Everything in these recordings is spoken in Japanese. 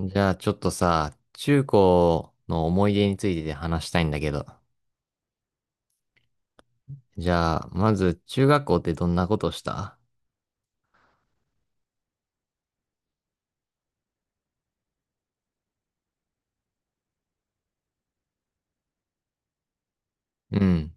じゃあちょっとさ、中高の思い出について話したいんだけど。じゃあ、まず中学校ってどんなことした？うん。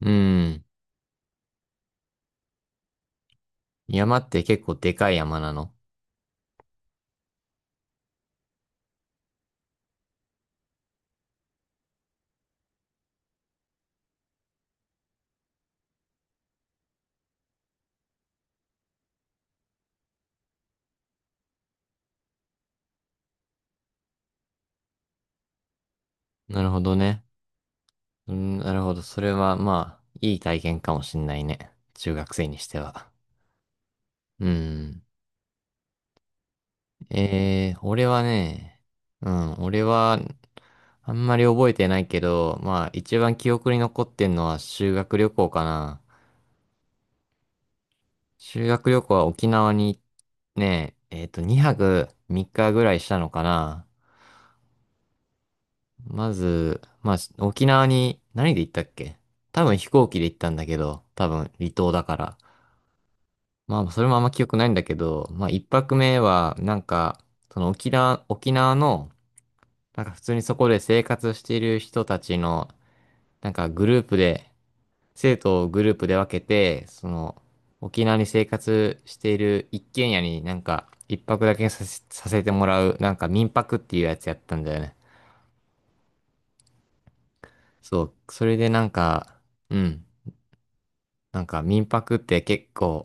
うん。山って結構でかい山なの？なるほどね。うん、なるほど。それはまあ、いい体験かもしんないね。中学生にしては。うん。俺はね、うん、俺は、あんまり覚えてないけど、まあ、一番記憶に残ってんのは修学旅行かな。修学旅行は沖縄にね、2泊3日ぐらいしたのかな。まず、まあ、沖縄に何で行ったっけ？多分飛行機で行ったんだけど、多分離島だから。まあ、それもあんま記憶ないんだけど、まあ、一泊目は、なんか、その沖縄の、なんか普通にそこで生活している人たちの、なんかグループで生徒をグループで分けて、その、沖縄に生活している一軒家になんか、一泊だけさせてもらう、なんか民泊っていうやつやったんだよね。そう、それでなんか、うん、なんか民泊って結構、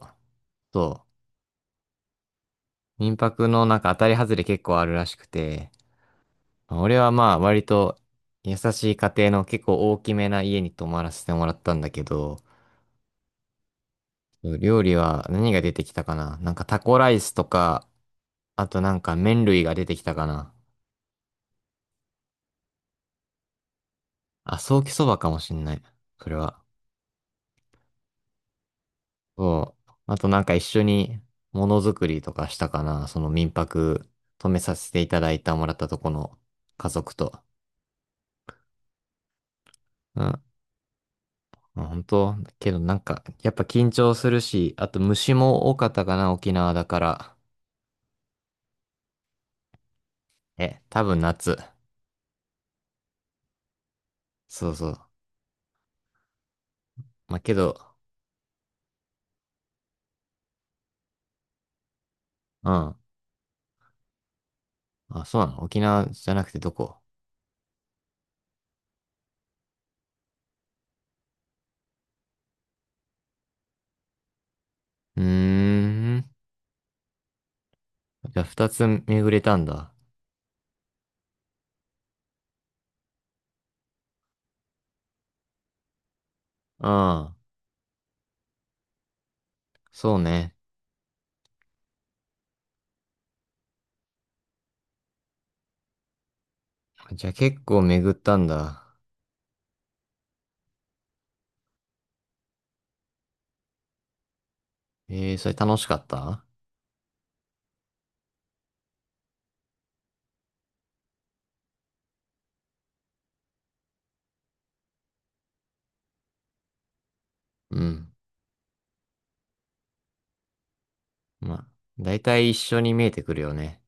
そう、民泊のなんか当たり外れ結構あるらしくて、俺はまあ割と優しい家庭の結構大きめな家に泊まらせてもらったんだけど、料理は何が出てきたかな？なんかタコライスとか、あとなんか麺類が出てきたかな。あ、ソーキそばかもしんない。それは。そう。あとなんか一緒にものづくりとかしたかな。その民泊泊めさせていただいたもらったとこの家族と。うん。まあ本当けどなんか、やっぱ緊張するし、あと虫も多かったかな、沖縄だから。え、多分夏。そうそう。まあ、けど、うん。あ、そうなの？沖縄じゃなくてどこ？うーん。じゃあ二つ巡れたんだ。うん。そうね。じゃあ結構巡ったんだ。えー、それ楽しかった？うん。まあ、だいたい一緒に見えてくるよね。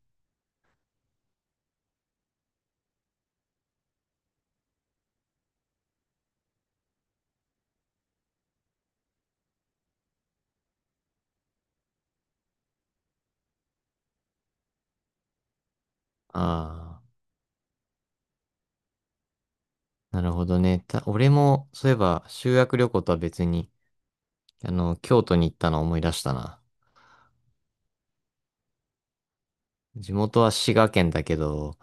ああ、なるほどね。俺も、そういえば、修学旅行とは別に、京都に行ったのを思い出したな。地元は滋賀県だけど、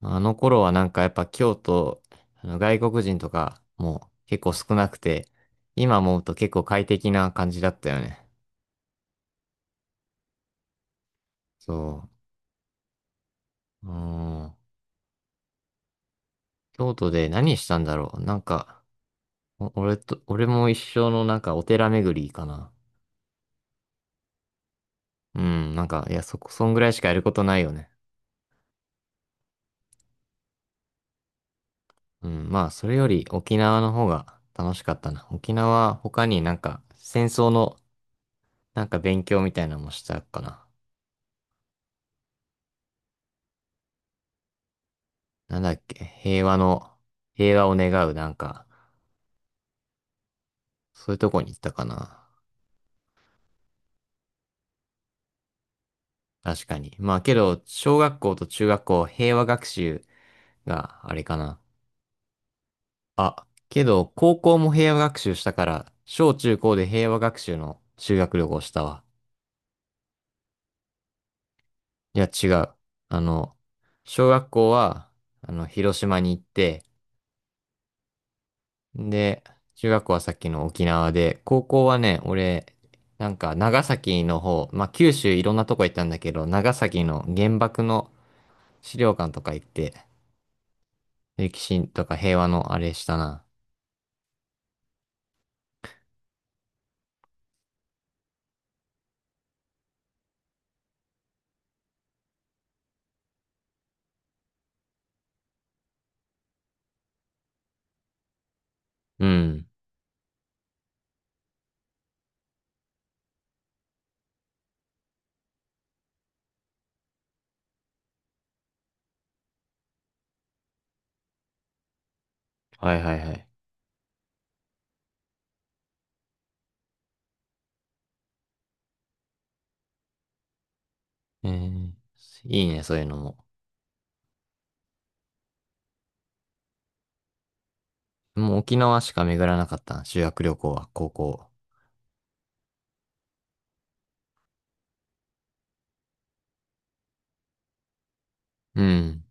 あの頃はなんかやっぱ京都、外国人とかも結構少なくて、今思うと結構快適な感じだったよね。そう。うん。京都で何したんだろう。なんか、お俺と、俺も一生のなんかお寺巡りかな。うん、なんか、いや、そこ、そんぐらいしかやることないよね。うん、まあ、それより沖縄の方が楽しかったな。沖縄、他になんか、戦争のなんか勉強みたいなのもしたかな。なんだっけ、平和の、平和を願うなんか、そういうとこに行ったかな。確かに。まあ、けど、小学校と中学校、平和学習があれかな。けど、高校も平和学習したから、小中高で平和学習の修学旅行したわ。いや、違う。あの、小学校は、広島に行って、で、中学校はさっきの沖縄で、高校はね、俺、なんか長崎の方、まあ、九州いろんなとこ行ったんだけど、長崎の原爆の資料館とか行って、歴史とか平和のあれしたな。うん。はいはいはい。えー、いいね、そういうのも。もう沖縄しか巡らなかったな、修学旅行は、高校。うん。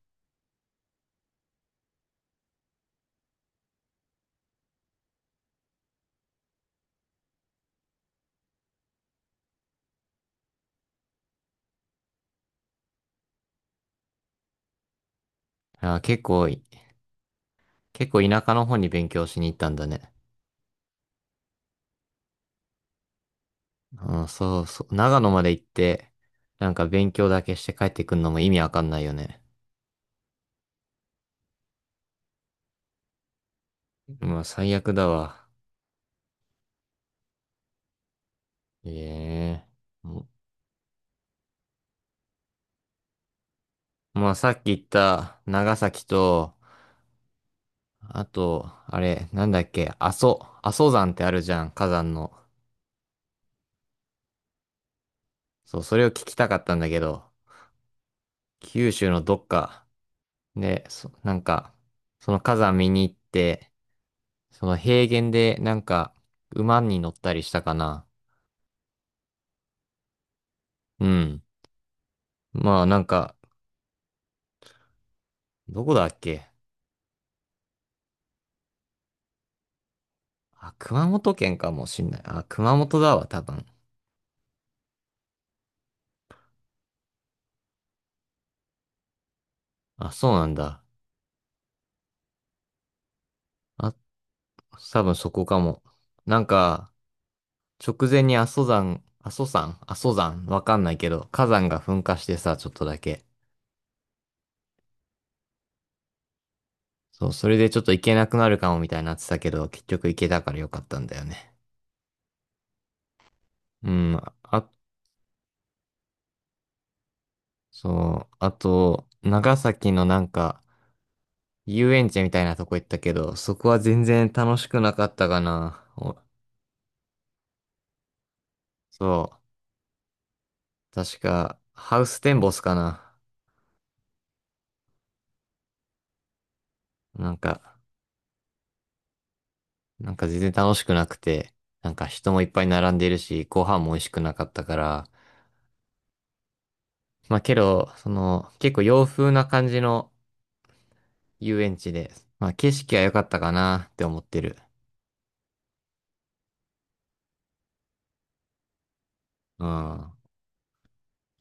あー、結構田舎の方に勉強しに行ったんだね。うん、そうそう。長野まで行って、なんか勉強だけして帰ってくんのも意味わかんないよね。まあ最悪だわ。ええ。もまあさっき言った長崎と、あと、あれ、なんだっけ、阿蘇山ってあるじゃん、火山の。そう、それを聞きたかったんだけど、九州のどっかで、なんか、その火山見に行って、その平原でなんか、馬に乗ったりしたかな。うん。まあなんか、どこだっけ？あ、熊本県かもしんない。あ、熊本だわ、多分。あ、そうなんだ。あ、多分そこかも。なんか、直前に阿蘇山、阿蘇山、阿蘇山、わかんないけど、火山が噴火してさ、ちょっとだけ。そう、それでちょっと行けなくなるかもみたいになってたけど、結局行けたからよかったんだよね。うん、あ、そう、あと、長崎のなんか、遊園地みたいなとこ行ったけど、そこは全然楽しくなかったかな。そう、確か、ハウステンボスかな。なんか、なんか、全然楽しくなくて、なんか人もいっぱい並んでいるし、ご飯も美味しくなかったから、まあけど、その、結構洋風な感じの遊園地で、まあ景色は良かったかなって思ってる。うん。あ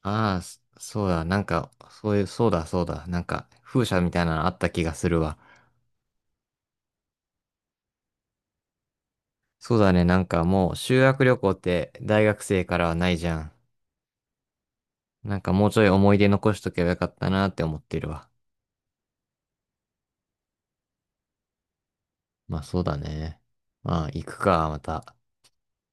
あ、そうだ、なんか、そういう、そうだ、そうだ、なんか、風車みたいなのあった気がするわ。そうだね、なんかもう修学旅行って大学生からはないじゃん。なんかもうちょい思い出残しとけばよかったなって思ってるわ。まあそうだね。まあ行くか、また。